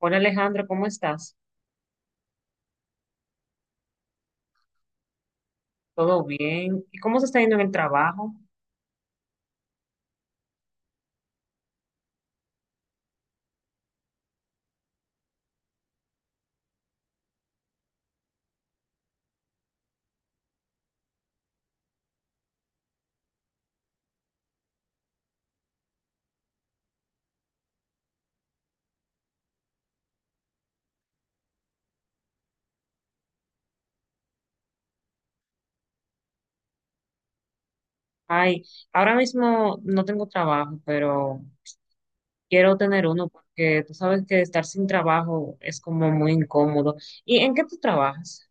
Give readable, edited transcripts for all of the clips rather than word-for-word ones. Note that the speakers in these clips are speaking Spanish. Hola Alejandro, ¿cómo estás? ¿Todo bien? ¿Y cómo se está yendo en el trabajo? Ay, ahora mismo no tengo trabajo, pero quiero tener uno porque tú sabes que estar sin trabajo es como muy incómodo. ¿Y en qué tú trabajas?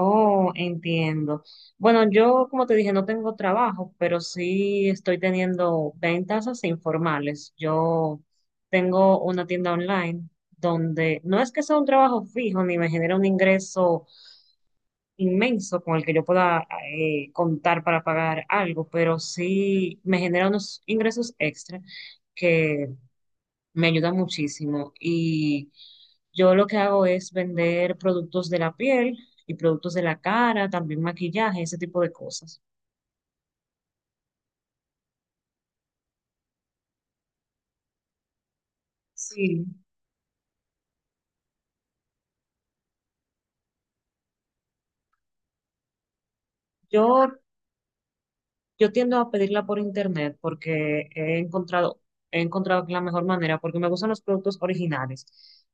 Oh, entiendo. Bueno, yo como te dije, no tengo trabajo, pero sí estoy teniendo ventas así informales. Yo tengo una tienda online donde no es que sea un trabajo fijo ni me genera un ingreso inmenso con el que yo pueda contar para pagar algo, pero sí me genera unos ingresos extra que me ayudan muchísimo. Y yo lo que hago es vender productos de la piel y productos de la cara, también maquillaje, ese tipo de cosas. Sí, yo Yo tiendo a pedirla por internet porque he encontrado que es la mejor manera, porque me gustan los productos originales.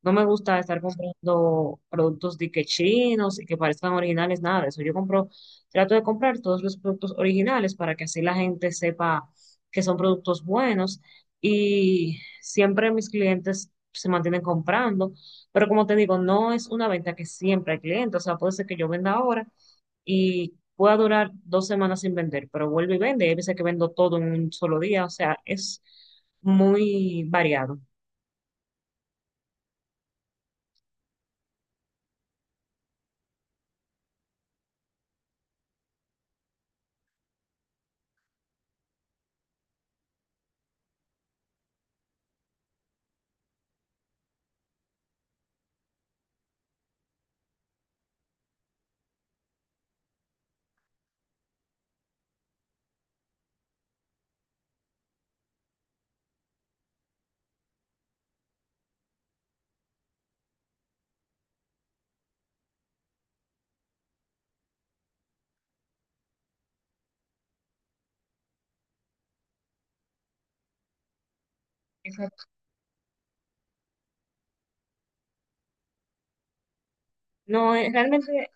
No me gusta estar comprando productos de que chinos y que parezcan originales, nada de eso. Yo compro, trato de comprar todos los productos originales para que así la gente sepa que son productos buenos y siempre mis clientes se mantienen comprando, pero como te digo, no es una venta que siempre hay clientes, o sea, puede ser que yo venda ahora y pueda durar 2 semanas sin vender, pero vuelve y vende. Hay veces que vendo todo en un solo día, o sea, es muy variado. Exacto. No, realmente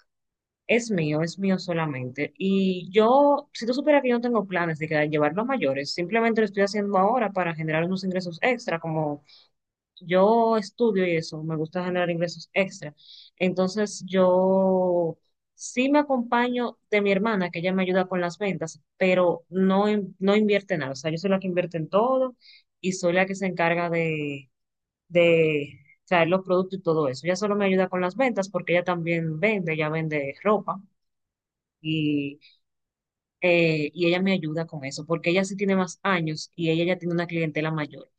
es mío solamente. Y yo, si tú supieras que yo no tengo planes de llevarlo a mayores, simplemente lo estoy haciendo ahora para generar unos ingresos extra, como yo estudio y eso, me gusta generar ingresos extra. Entonces yo sí me acompaño de mi hermana, que ella me ayuda con las ventas, pero no, no invierte nada. O sea, yo soy la que invierte en todo y soy la que se encarga de traer los productos y todo eso. Ella solo me ayuda con las ventas porque ella también vende, ella vende ropa. Y, y ella me ayuda con eso, porque ella sí tiene más años y ella ya tiene una clientela mayor.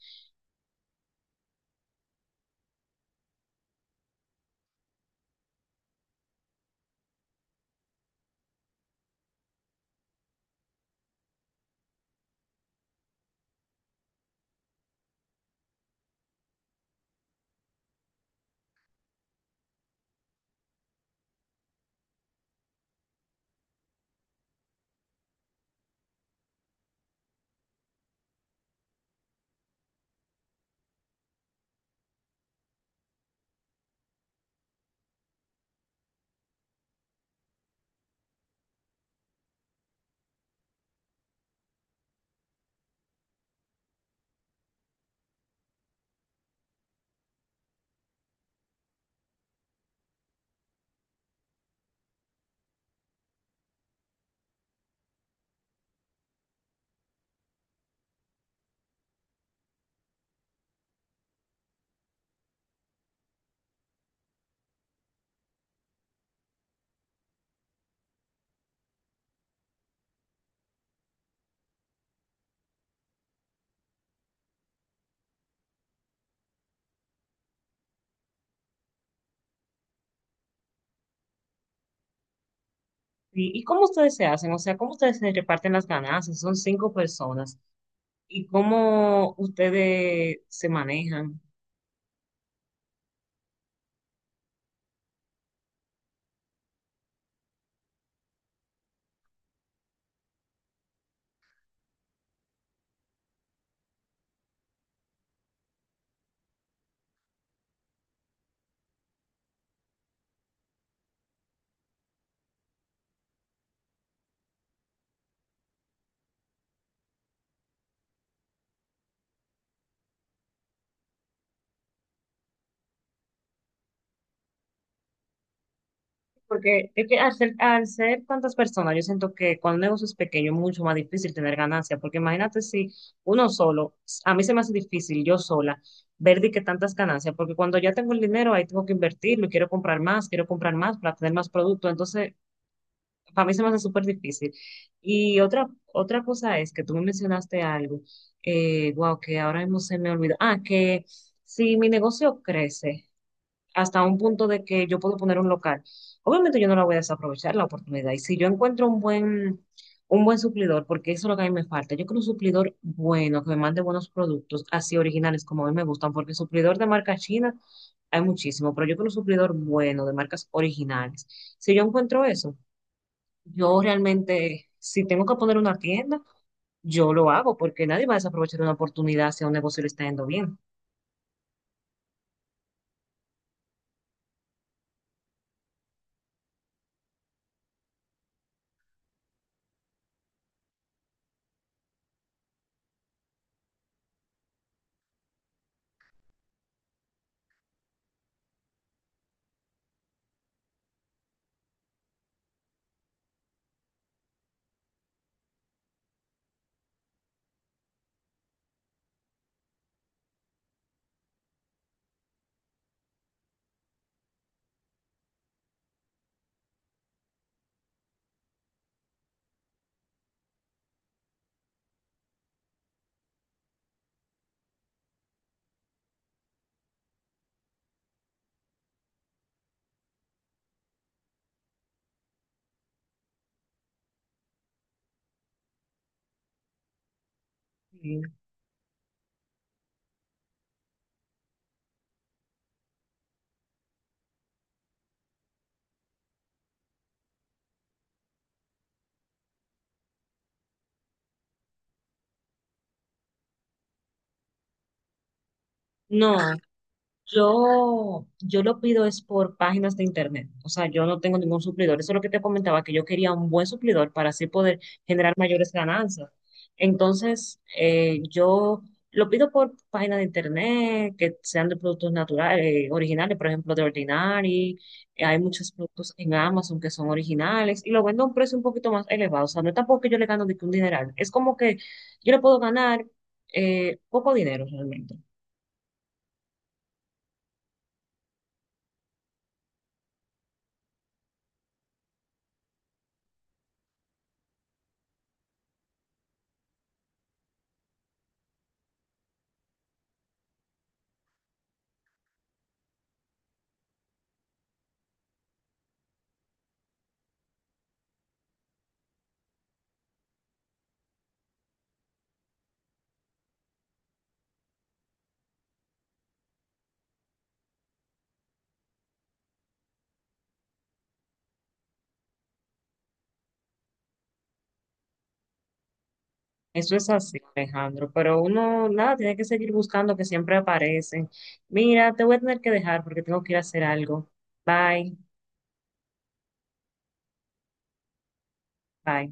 Sí, ¿y cómo ustedes se hacen? O sea, ¿cómo ustedes se reparten las ganancias? Son 5 personas. ¿Y cómo ustedes se manejan? Porque es que al ser tantas personas, yo siento que cuando un negocio es pequeño es mucho más difícil tener ganancias, porque imagínate si uno solo, a mí se me hace difícil yo sola ver de qué tantas ganancias, porque cuando ya tengo el dinero ahí tengo que invertirlo, y quiero comprar más para tener más producto, entonces para mí se me hace súper difícil. Y otra cosa es que tú me mencionaste algo, wow, que ahora mismo se me olvidó. Ah, que si mi negocio crece hasta un punto de que yo puedo poner un local, obviamente yo no la voy a desaprovechar la oportunidad. Y si yo encuentro un buen suplidor, porque eso es lo que a mí me falta, yo quiero un suplidor bueno, que me mande buenos productos, así originales como a mí me gustan, porque suplidor de marca china hay muchísimo, pero yo quiero un suplidor bueno, de marcas originales. Si yo encuentro eso, yo realmente, si tengo que poner una tienda, yo lo hago porque nadie va a desaprovechar una oportunidad si a un negocio le está yendo bien. Mm. No, yo lo pido es por páginas de internet, o sea, yo no tengo ningún suplidor. Eso es lo que te comentaba, que yo quería un buen suplidor para así poder generar mayores ganancias. Entonces, yo lo pido por páginas de internet que sean de productos naturales, originales, por ejemplo, de Ordinary. Hay muchos productos en Amazon que son originales y lo vendo a un precio un poquito más elevado. O sea, no es tampoco que yo le gano de que un dineral, es como que yo le puedo ganar poco dinero realmente. Eso es así, Alejandro, pero uno, nada, tiene que seguir buscando que siempre aparecen. Mira, te voy a tener que dejar porque tengo que ir a hacer algo. Bye, bye.